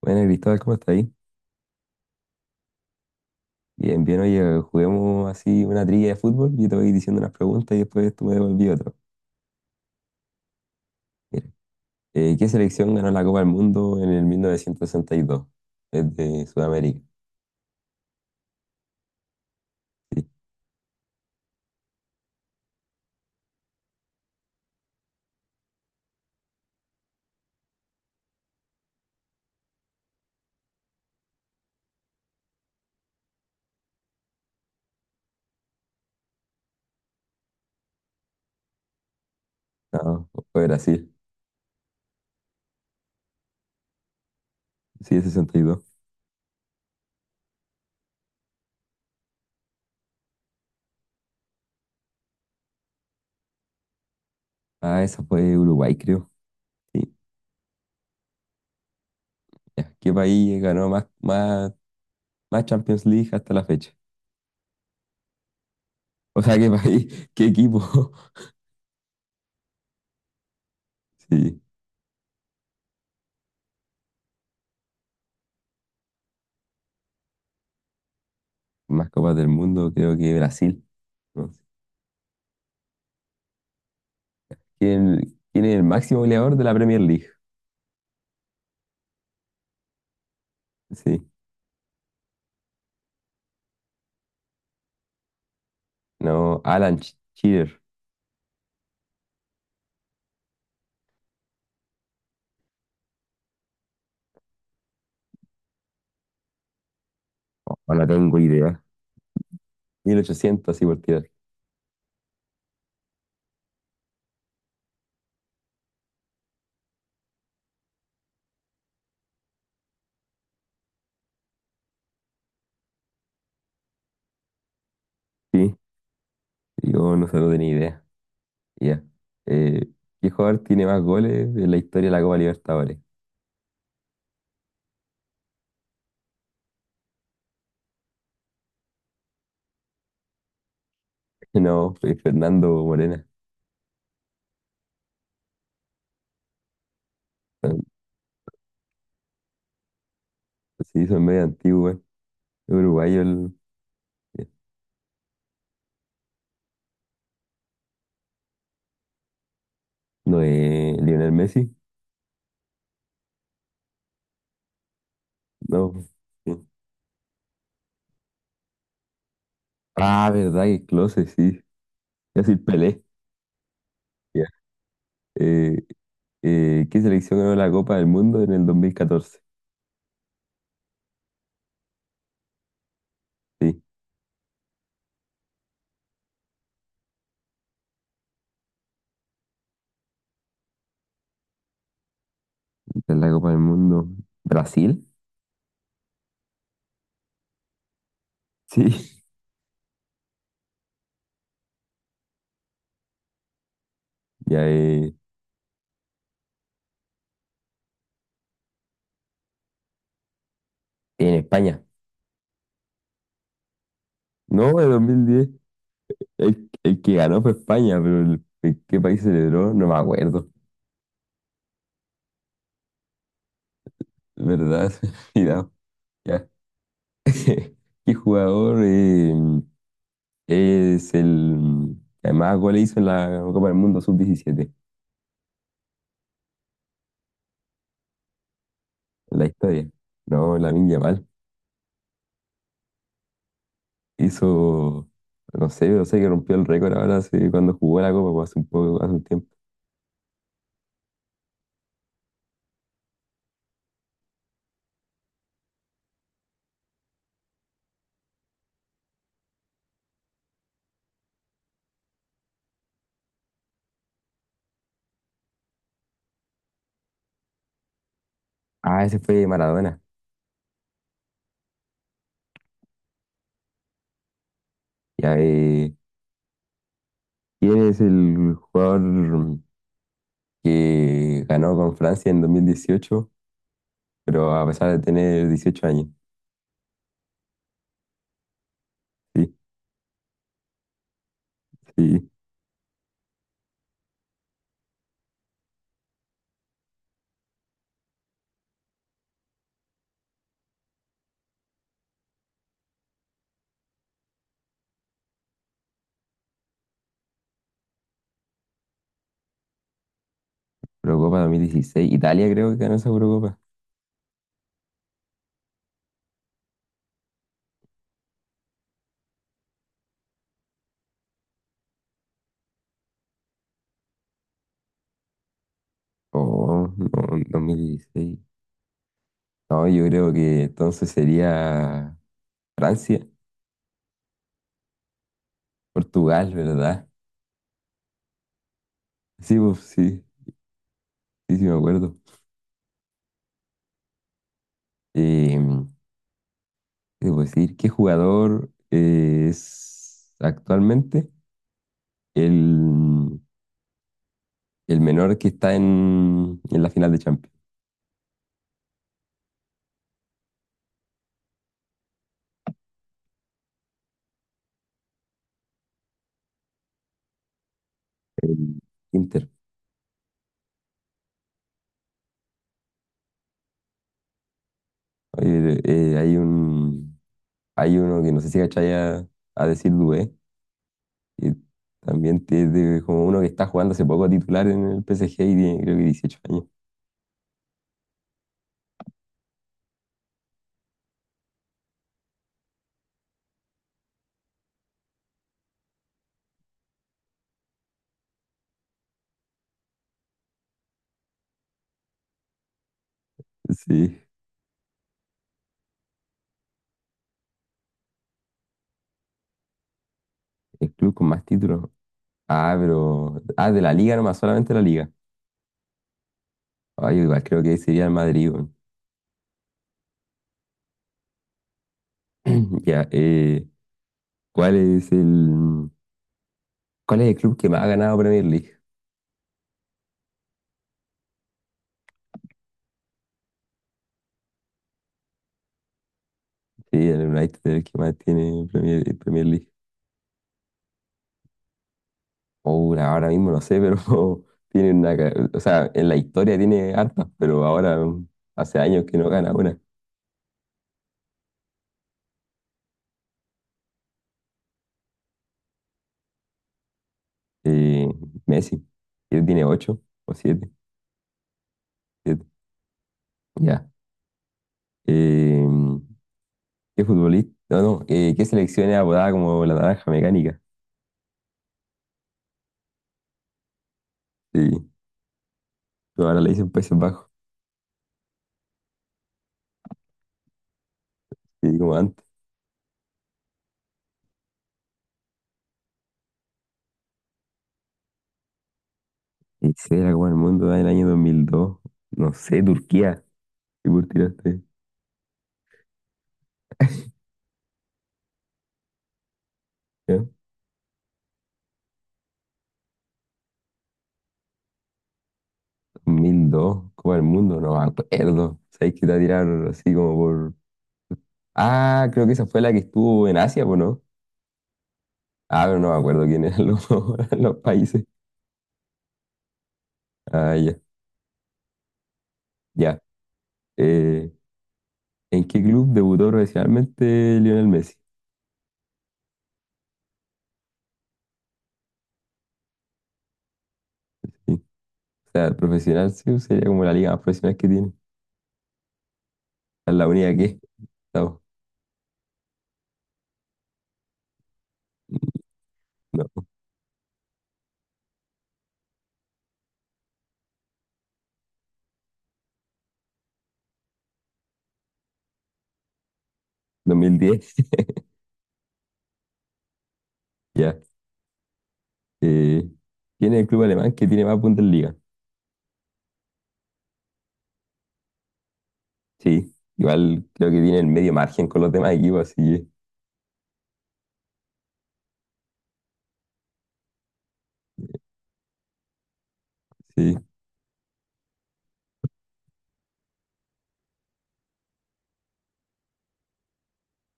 Bueno, Cristóbal, ¿cómo estás ahí? Bien, bien, oye, juguemos así una trilla de fútbol. Yo te voy diciendo unas preguntas y después tú me devolví otro. Mira, ¿qué selección ganó la Copa del Mundo en el 1962? Es de Sudamérica. Sí, no, fue Brasil. Sí, es 62. Ah, esa fue Uruguay, creo. Sí, ya. ¿Qué país ganó más Champions League hasta la fecha? O sea, ¿qué país? ¿Qué equipo? Sí, más Copas del Mundo, creo que Brasil. No sé. ¿Quién es el máximo goleador de la Premier League? Sí. No, Alan Ch- Cheater. Oh, no tengo idea. Mil ochocientos así por tirar. Sí, yo no sé, no tenía idea. Ya. Eh, ¿Qué jugador tiene más goles en la historia de la Copa Libertadores? No, fue Fernando Morena. Sí, hizo en medio antiguo, güey. Es Uruguayo el- eh, No es Lionel Messi. No. Sí. Ah, verdad que Klose, sí. Es decir, Pelé. Ya. Eh, ¿Qué selección ganó la Copa del Mundo en el 2014? Sí, esta es la Copa del Mundo. ¿Brasil? Sí, ya, en España. No, en 2010. El que ganó fue España, pero el qué país celebró, no me acuerdo. ¿Verdad? Se me ha olvidado. Ya. ¿Qué jugador es el que más goles hizo en la Copa del Mundo sub diecisiete. En la historia. No, Lamine Yamal. Hizo, no sé, no sé que rompió el récord ahora hace- cuando jugó la Copa, pues, hace un poco, hace un tiempo. Ah, ese fue Maradona. Ya, ¿quién es el jugador que ganó con Francia en 2018, pero a pesar de tener 18 años? Sí, sí. Eurocopa 2016. Italia creo que ganó esa Eurocopa. Oh, no, 2016. No, yo creo que entonces sería Francia. Portugal, ¿verdad? Sí, pues sí, me acuerdo. Eh, ¿Qué debo decir? ¿Qué jugador es actualmente el, el menor que está en la final de Champions? El Inter. Oye, hay uno que no sé si cachai a decir Dué, que también como uno que está jugando hace poco titular en el PSG y tiene creo que 18 años. Sí, el club con más títulos. Ah, pero ah, de la liga nomás, solamente la liga. Ah, yo igual creo que sería el Madrid, weón. Ya, ¿cuál es el, ¿cuál es el club que más ha ganado Premier League? Sí, el United es el que más tiene Premier League. Ahora, ahora mismo no sé, pero tiene una, ca- o sea, en la historia tiene hartas, pero ahora hace años que no gana una. Eh, Messi, él tiene ocho o siete, siete. Ya. Eh, ¿Qué futbolista? No, no, ¿qué selección era apodada como la naranja mecánica? Sí, pero ahora le dicen Países Bajos, sí, como antes. ¿Y se la Copa del Mundo en el año 2002? No sé, Turquía, ¿qué por tiraste? ¿Ya? Dos mil dos, Copa del Mundo, no me acuerdo. Sabéis que te va a tirar así como por. Ah, creo que esa fue la que estuvo en Asia, ¿o no? Ah, pero no me acuerdo quiénes eran los, los países. Ah, ya, ya. Eh, ¿En qué club debutó profesionalmente Lionel Messi? Sí. O sea, profesional sí, sería como la liga más profesional que tiene. Es la única que no, no, 2010. Ya. Eh, ¿Quién es el club alemán que tiene más puntos en liga? Sí, igual creo que tiene el medio margen con los demás equipos, así que sí.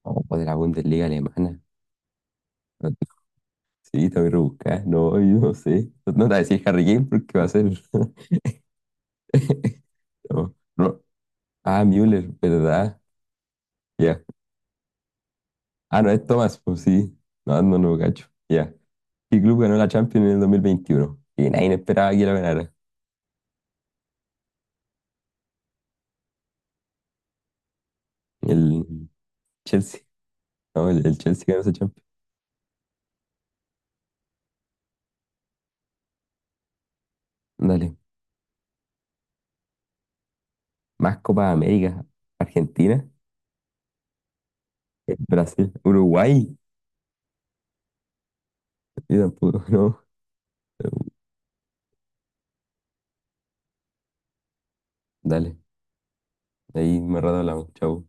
¿Cómo puede la Bundesliga alemana? Sí, te voy a rebuscar. No, yo no sé. No te voy a decir Harry Kane porque va a ser. No, no. Ah, Müller, ¿verdad? Ya. Ah, no, es Thomas, pues sí. No, no, no, cacho. Ya. ¿Qué club ganó la Champions en el 2021 y nadie esperaba que la ganara? El Chelsea. No, el Chelsea ganó esa Champions. Dale. Más Copa América. Argentina. Brasil. Uruguay. Yo tampoco, no. Dale. Ahí más rato hablamos. Chau.